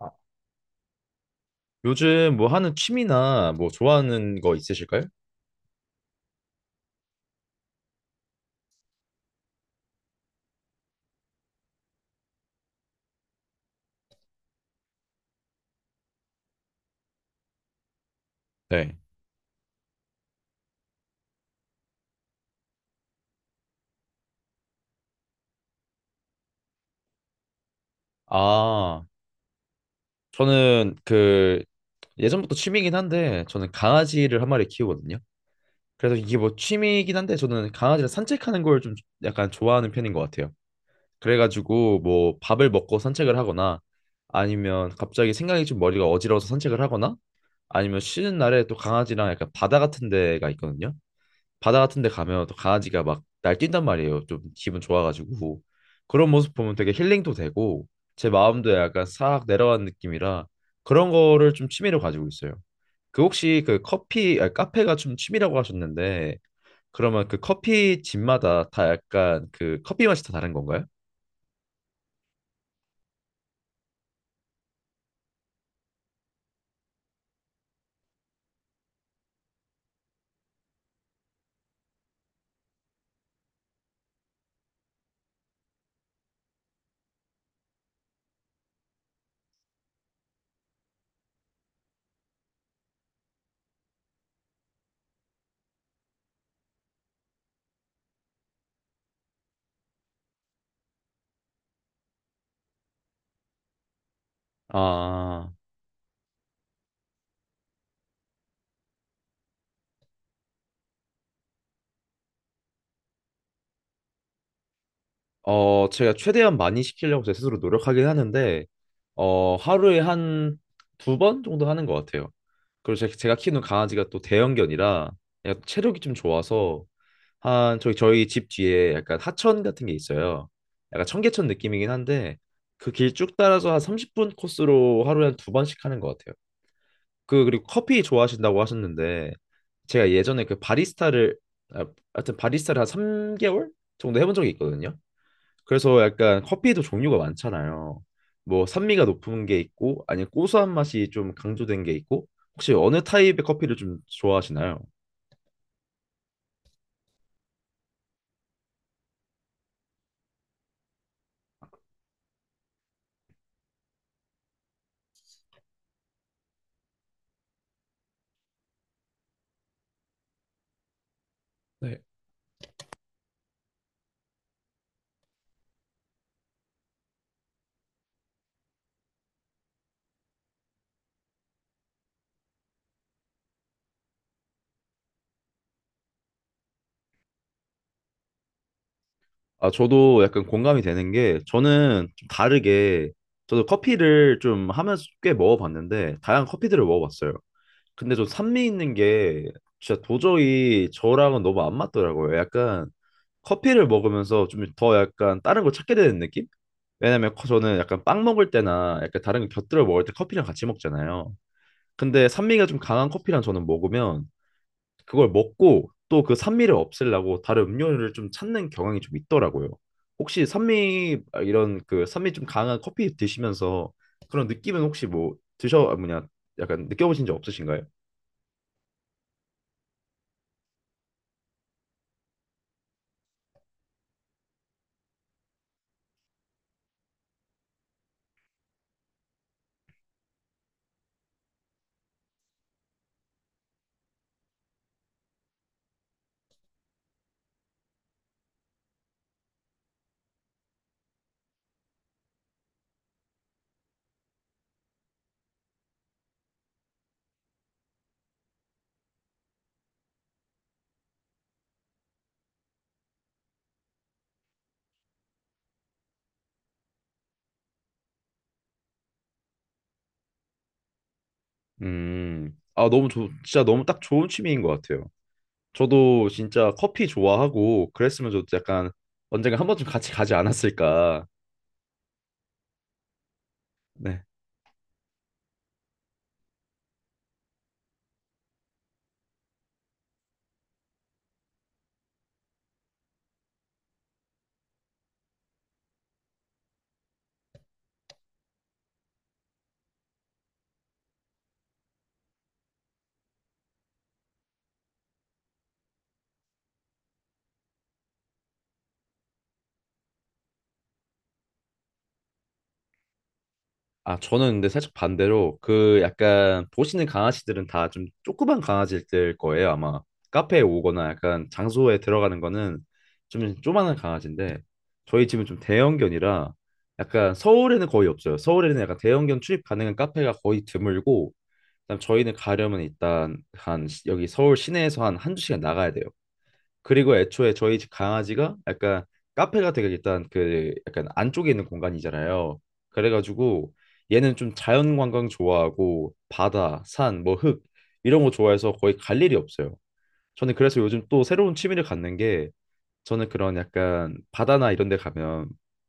아, 요즘 뭐 하는 취미나 뭐 좋아하는 거 있으실까요? 네. 아, 저는 그 예전부터 취미이긴 한데 저는 강아지를 한 마리 키우거든요. 그래서 이게 뭐 취미이긴 한데 저는 강아지를 산책하는 걸 좀 약간 좋아하는 편인 것 같아요. 그래가지고 뭐 밥을 먹고 산책을 하거나 아니면 갑자기 생각이 좀 머리가 어지러워서 산책을 하거나 아니면 쉬는 날에 또 강아지랑 약간 바다 같은 데가 있거든요. 바다 같은 데 가면 또 강아지가 막 날뛴단 말이에요. 좀 기분 좋아가지고. 그런 모습 보면 되게 힐링도 되고 제 마음도 약간 싹 내려간 느낌이라 그런 거를 좀 취미로 가지고 있어요. 그 혹시 그 커피 카페가 좀 취미라고 하셨는데 그러면 그 커피 집마다 다 약간 그 커피 맛이 다 다른 건가요? 아, 제가 최대한 많이 시키려고 제 스스로 노력하긴 하는데, 하루에 한 두 번 정도 하는 것 같아요. 그리고 제가 키우는 강아지가 또 대형견이라 약간 체력이 좀 좋아서 한 저희 집 뒤에 약간 하천 같은 게 있어요. 약간 청계천 느낌이긴 한데 그 길 쭉 따라서 한 30분 코스로 하루에 한 두 번씩 하는 것 같아요. 그 그리고 커피 좋아하신다고 하셨는데 제가 예전에 그 바리스타를 아, 하여튼 바리스타를 한 3개월 정도 해본 적이 있거든요. 그래서 약간 커피에도 종류가 많잖아요. 뭐 산미가 높은 게 있고 아니면 고소한 맛이 좀 강조된 게 있고 혹시 어느 타입의 커피를 좀 좋아하시나요? 네. 아, 저도 약간 공감이 되는 게 저는 좀 다르게 저도 커피를 좀 하면서 꽤 먹어봤는데 다양한 커피들을 먹어봤어요. 근데 좀 산미 있는 게 진짜 도저히 저랑은 너무 안 맞더라고요. 약간 커피를 먹으면서 좀 더 약간 다른 걸 찾게 되는 느낌? 왜냐면 저는 약간 빵 먹을 때나 약간 다른 거 곁들여 먹을 때 커피랑 같이 먹잖아요. 근데 산미가 좀 강한 커피랑 저는 먹으면 그걸 먹고 또 그 산미를 없애려고 다른 음료를 좀 찾는 경향이 좀 있더라고요. 혹시 산미 이런 그 산미 좀 강한 커피 드시면서 그런 느낌은 혹시 뭐 드셔 아, 뭐냐 약간 느껴보신 적 없으신가요? 아 너무 좋 진짜 너무 딱 좋은 취미인 것 같아요. 저도 진짜 커피 좋아하고 그랬으면 저도 약간 언젠가 한 번쯤 같이 가지 않았을까. 네. 저는 근데 살짝 반대로 그 약간 보시는 강아지들은 다 좀 조그만 강아지일 거예요, 아마. 카페에 오거나 약간 장소에 들어가는 거는 좀 조그만한 강아지인데 저희 집은 좀 대형견이라 약간 서울에는 거의 없어요. 서울에는 약간 대형견 출입 가능한 카페가 거의 드물고 그다음 저희는 가려면 일단 여기 서울 시내에서 한 한두 시간 나가야 돼요. 그리고 애초에 저희 집 강아지가 약간 카페가 되게 일단 그 약간 안쪽에 있는 공간이잖아요. 그래가지고 얘는 좀 자연 관광 좋아하고 바다, 산, 뭐 흙 이런 거 좋아해서 거의 갈 일이 없어요. 저는 그래서 요즘 또 새로운 취미를 갖는 게 저는 그런 약간 바다나 이런 데 가면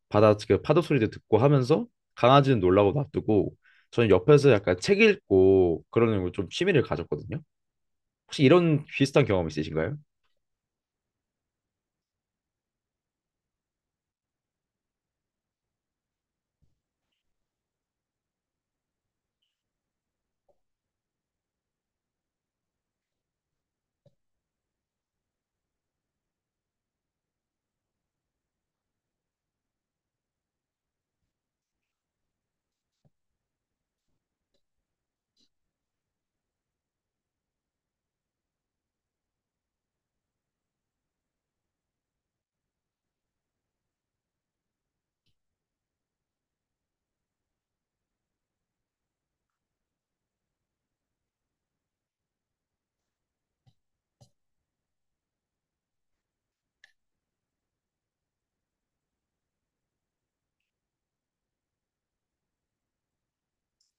바다 그 파도 소리도 듣고 하면서 강아지는 놀라고 놔두고 저는 옆에서 약간 책 읽고 그러는 걸 좀 취미를 가졌거든요. 혹시 이런 비슷한 경험 있으신가요?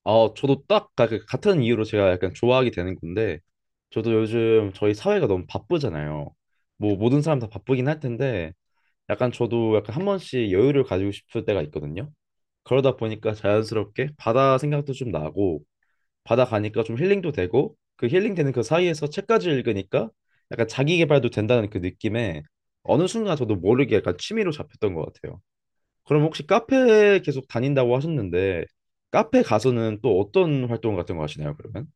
저도 딱 그 같은 이유로 제가 약간 좋아하게 되는 건데, 저도 요즘 저희 사회가 너무 바쁘잖아요. 뭐 모든 사람 다 바쁘긴 할 텐데, 약간 저도 약간 한 번씩 여유를 가지고 싶을 때가 있거든요. 그러다 보니까 자연스럽게 바다 생각도 좀 나고, 바다 가니까 좀 힐링도 되고, 그 힐링되는 그 사이에서 책까지 읽으니까 약간 자기 개발도 된다는 그 느낌에 어느 순간 저도 모르게 약간 취미로 잡혔던 것 같아요. 그럼 혹시 카페 계속 다닌다고 하셨는데 카페 가서는 또 어떤 활동 같은 거 하시나요, 그러면?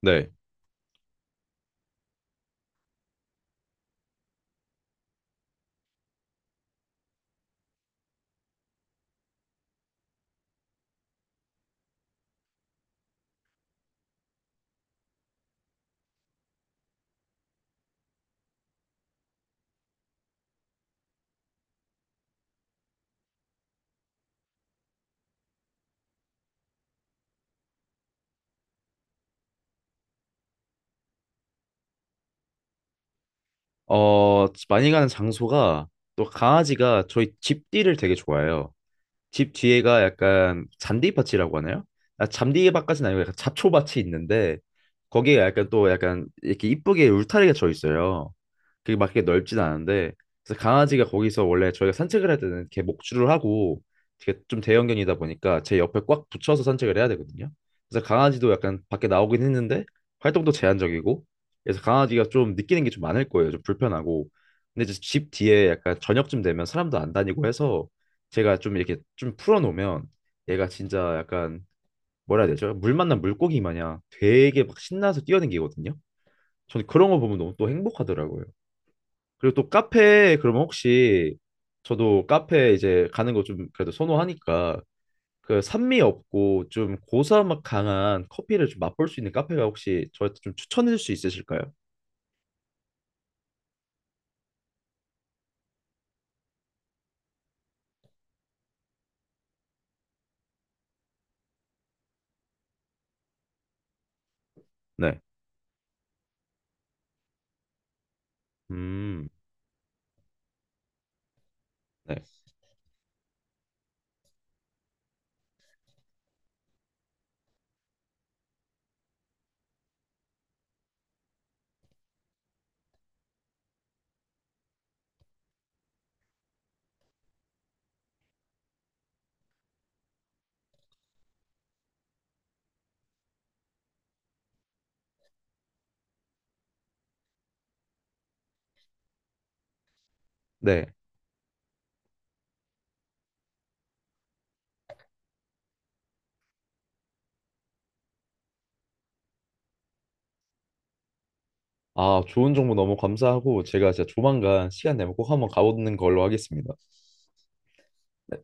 네. 많이 가는 장소가 또 강아지가 저희 집띠를 되게 좋아해요. 집 뒤에가 약간 잔디밭이라고 하나요? 잔디밭까지는 아니고 약간 잡초밭이 있는데 거기에 약간 또 약간 이렇게 이쁘게 울타리가 쳐 있어요. 그게 막 이렇게 넓진 않은데 그래서 강아지가 거기서 원래 저희가 산책을 할 때는 이렇게 목줄을 하고 이게 좀 대형견이다 보니까 제 옆에 꽉 붙여서 산책을 해야 되거든요. 그래서 강아지도 약간 밖에 나오긴 했는데 활동도 제한적이고 그래서 강아지가 좀 느끼는 게 좀 많을 거예요. 좀 불편하고 근데 이제 집 뒤에 약간 저녁쯤 되면 사람도 안 다니고 해서 제가 좀 이렇게 좀 풀어놓으면 얘가 진짜 약간 뭐라 해야 되죠? 물 만난 물고기 마냥 되게 막 신나서 뛰어댕기거든요. 저는 그런 거 보면 너무 또 행복하더라고요. 그리고 또 카페 그러면 혹시 저도 카페 이제 가는 거 좀 그래도 선호하니까 그 산미 없고 좀 고사맛 강한 커피를 좀 맛볼 수 있는 카페가 혹시 저한테 좀 추천해 줄 수 있으실까요? 네. 음. 네. 네. 아, 좋은 정보 너무 감사하고 제가 진짜 조만간 시간 내면 꼭 한번 가보는 걸로 하겠습니다. 네.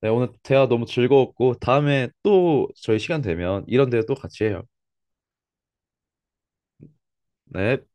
네, 오늘 대화 너무 즐거웠고, 다음에 또 저희 시간 되면 이런 대화 또 같이 해요. 네.